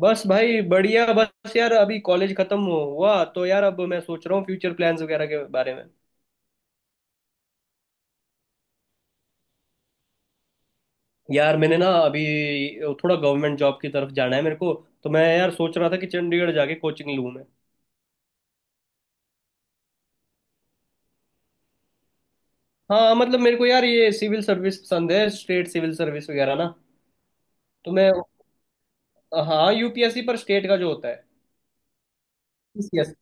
बस भाई बढ़िया। बस यार अभी कॉलेज खत्म हुआ तो यार अब मैं सोच रहा हूँ फ्यूचर प्लान्स वगैरह के बारे में। यार मैंने ना अभी थोड़ा गवर्नमेंट जॉब की तरफ जाना है मेरे को। तो मैं यार सोच रहा था कि चंडीगढ़ जाके कोचिंग लूँ मैं। हाँ मतलब मेरे को यार ये सिविल सर्विस पसंद है, स्टेट सिविल सर्विस वगैरह ना। तो मैं हाँ यूपीएससी पर स्टेट का जो होता है। यस।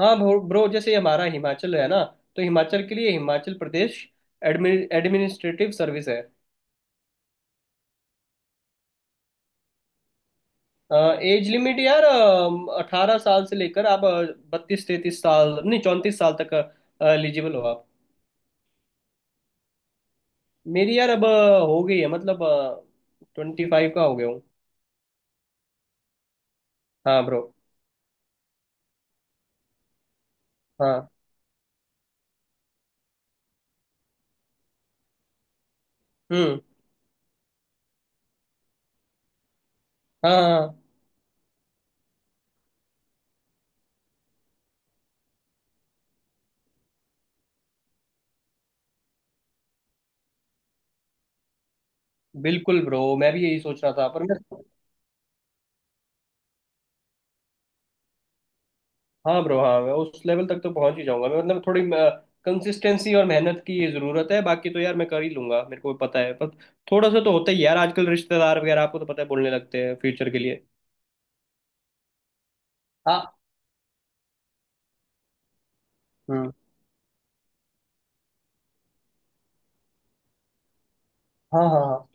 हाँ ब्रो, जैसे हमारा हिमाचल है ना, तो हिमाचल के लिए हिमाचल प्रदेश एडमिनिस्ट्रेटिव सर्विस है। एज लिमिट यार 18 साल से लेकर आप 32 33 साल नहीं 34 साल तक एलिजिबल हो आप। मेरी यार अब हो गई है मतलब 25 का हो गया हूँ। हाँ ब्रो। हाँ। हम्म। हाँ हाँ हाँ। बिल्कुल ब्रो मैं भी यही सोच रहा था पर मैं हाँ ब्रो हाँ मैं उस लेवल तक तो पहुंच ही जाऊंगा। मैं मतलब थोड़ी कंसिस्टेंसी और मेहनत की ये जरूरत है, बाकी तो यार मैं कर ही लूंगा, मेरे को भी पता है। पर थोड़ा सा तो होता ही है यार, आजकल रिश्तेदार वगैरह आपको तो पता है बोलने लगते हैं फ्यूचर के लिए। हाँ। हम्म। हाँ हाँ हाँ।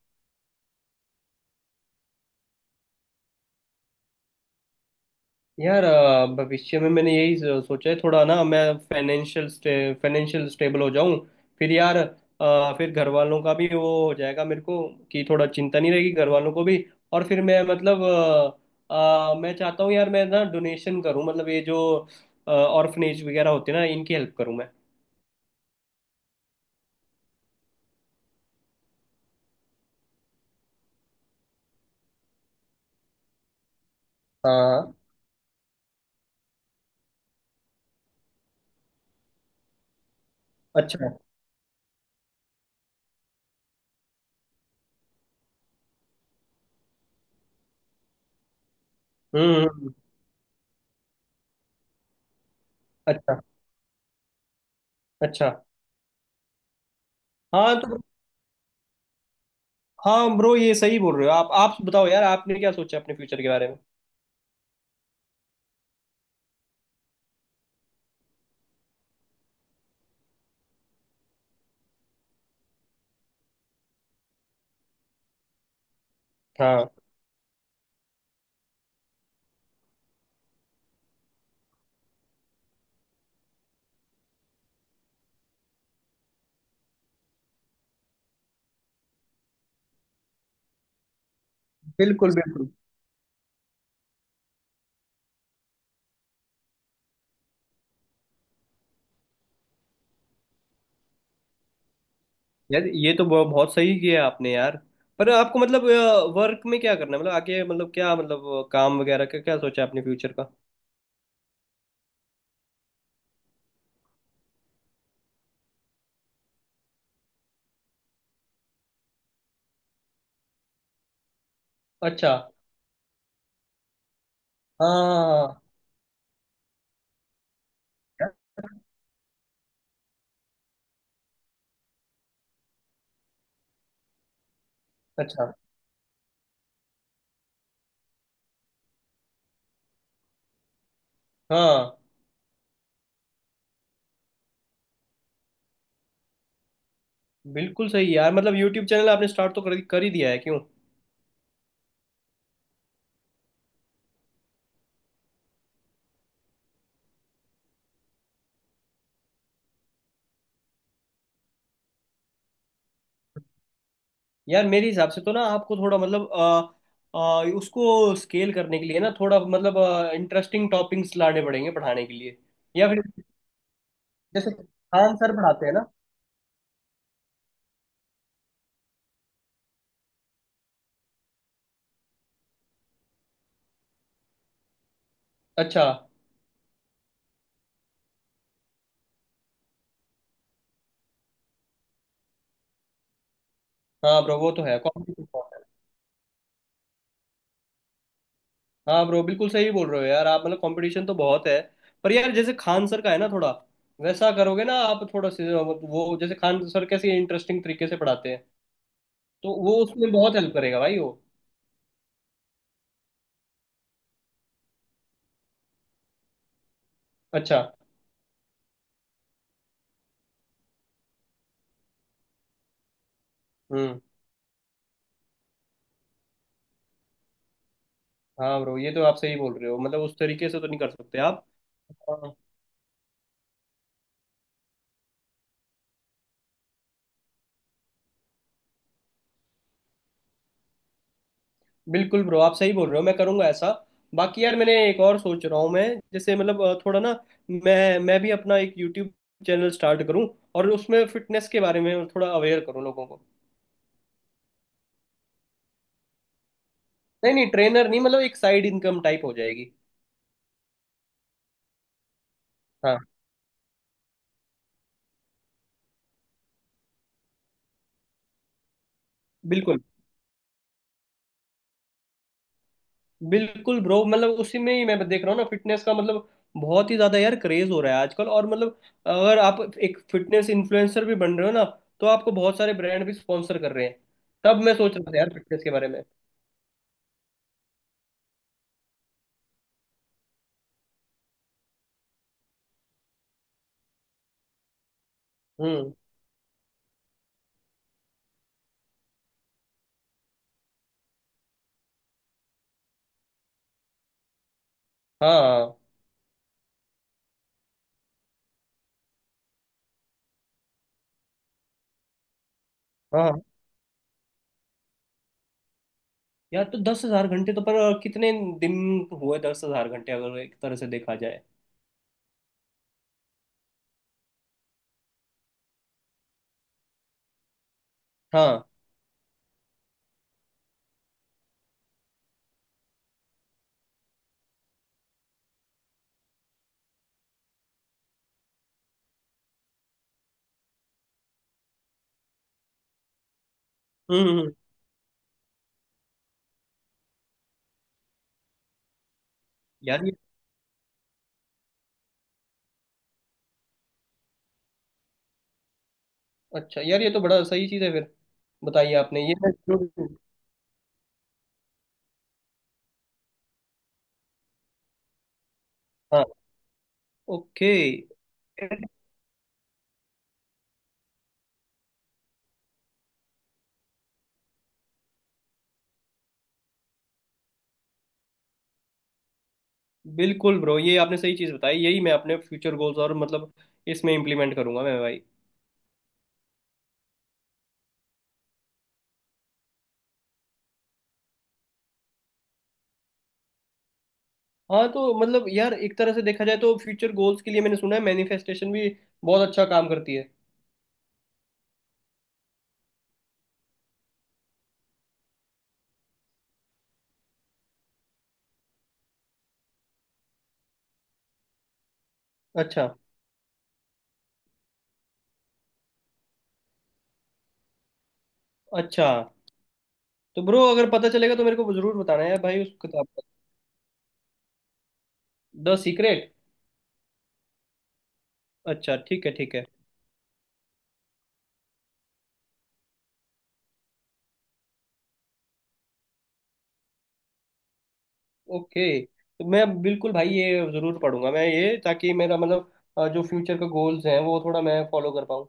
यार भविष्य में मैंने यही सोचा है थोड़ा ना। मैं फाइनेंशियल स्टेबल हो जाऊं फिर यार। फिर घर वालों का भी वो हो जाएगा मेरे को कि थोड़ा चिंता नहीं रहेगी घर वालों को भी। और फिर मैं मतलब मैं चाहता हूँ यार, मैं ना डोनेशन करूँ, मतलब ये जो ऑर्फनेज वगैरह होते हैं ना इनकी हेल्प करूँ मैं। हाँ। अच्छा। हम्म, अच्छा। अच्छा। हाँ तो हाँ ब्रो, ये सही बोल रहे हो आप। आप बताओ यार, आपने क्या सोचा अपने फ्यूचर के बारे में? हाँ। बिल्कुल बिल्कुल। यार ये तो बहुत सही किया आपने यार। पर आपको मतलब वर्क में क्या करना है मतलब आगे, मतलब क्या, मतलब काम वगैरह का क्या सोचा है आपने फ्यूचर का? अच्छा। हाँ। अच्छा। हाँ बिल्कुल सही यार, मतलब यूट्यूब चैनल आपने स्टार्ट तो कर ही दिया है क्यों? यार मेरे हिसाब से तो ना आपको थोड़ा मतलब उसको स्केल करने के लिए ना थोड़ा मतलब इंटरेस्टिंग टॉपिक्स लाने पड़ेंगे पढ़ाने के लिए। या फिर जैसे खान सर पढ़ाते हैं ना। अच्छा। हाँ ब्रो, वो तो है कॉमेडी। हाँ ब्रो बिल्कुल सही बोल रहे हो यार आप, मतलब कंपटीशन तो बहुत है। पर यार जैसे खान सर का है ना थोड़ा वैसा करोगे ना आप, थोड़ा से वो जैसे खान सर कैसे इंटरेस्टिंग तरीके से पढ़ाते हैं, तो वो उसमें बहुत हेल्प करेगा भाई वो। अच्छा। हम्म। हाँ ब्रो, ये तो आप सही बोल रहे हो, मतलब उस तरीके से तो नहीं कर सकते आप। हाँ, बिल्कुल ब्रो, आप सही बोल रहे हो, मैं करूंगा ऐसा। बाकी यार मैंने एक और सोच रहा हूँ मैं, जैसे मतलब थोड़ा ना। मैं भी अपना एक यूट्यूब चैनल स्टार्ट करूँ और उसमें फिटनेस के बारे में थोड़ा अवेयर करूँ लोगों को। नहीं नहीं ट्रेनर नहीं, मतलब एक साइड इनकम टाइप हो जाएगी। हाँ। बिल्कुल बिल्कुल ब्रो, मतलब उसी में ही मैं देख रहा हूँ ना फिटनेस का, मतलब बहुत ही ज्यादा यार क्रेज हो रहा है आजकल। और मतलब अगर आप एक फिटनेस इन्फ्लुएंसर भी बन रहे हो ना, तो आपको बहुत सारे ब्रांड भी स्पॉन्सर कर रहे हैं। तब मैं सोच रहा था यार फिटनेस के बारे में। हम्म। हाँ। हाँ यार तो 10,000 घंटे तो पर कितने दिन हुए 10,000 घंटे अगर एक तरह से देखा जाए? हाँ। हम्म हम्म, यार ये अच्छा यार ये तो बड़ा सही चीज है फिर। बताइए आपने ये ओके। बिल्कुल ब्रो, ये आपने सही चीज़ बताई। यही मैं अपने फ्यूचर गोल्स और मतलब इसमें इम्प्लीमेंट करूंगा मैं भाई। हाँ तो मतलब यार एक तरह से देखा जाए तो फ्यूचर गोल्स के लिए मैंने सुना है मैनिफेस्टेशन भी बहुत अच्छा काम करती है। अच्छा। अच्छा तो ब्रो अगर पता चलेगा तो मेरे को जरूर बताना है भाई उस किताब का। The Secret. अच्छा, ठीक है ठीक है। ओके तो मैं बिल्कुल भाई ये जरूर पढ़ूंगा मैं ये, ताकि मेरा मतलब जो फ्यूचर का गोल्स हैं वो थोड़ा मैं फॉलो कर पाऊँ।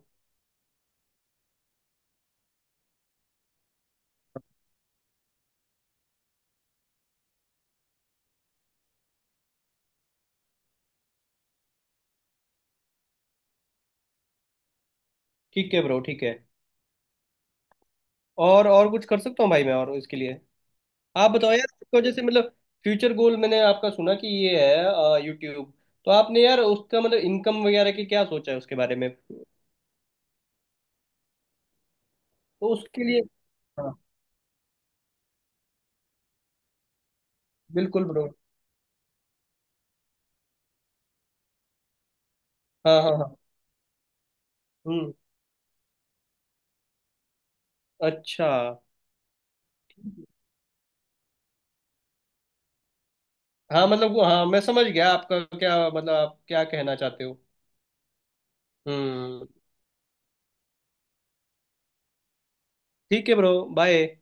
ठीक है ब्रो। ठीक है। और कुछ कर सकता हूँ भाई मैं और इसके लिए? आप बताओ यार, आपको जैसे मतलब फ्यूचर गोल मैंने आपका सुना कि ये है यूट्यूब, तो आपने यार उसका मतलब इनकम वगैरह की क्या सोचा है उसके बारे में तो? उसके लिए हाँ बिल्कुल ब्रो। हाँ हाँ हाँ। हम्म। अच्छा। ठीक है। हाँ मतलब हाँ मैं समझ गया आपका क्या मतलब, आप क्या कहना चाहते हो। हम्म। ठीक है ब्रो। बाय।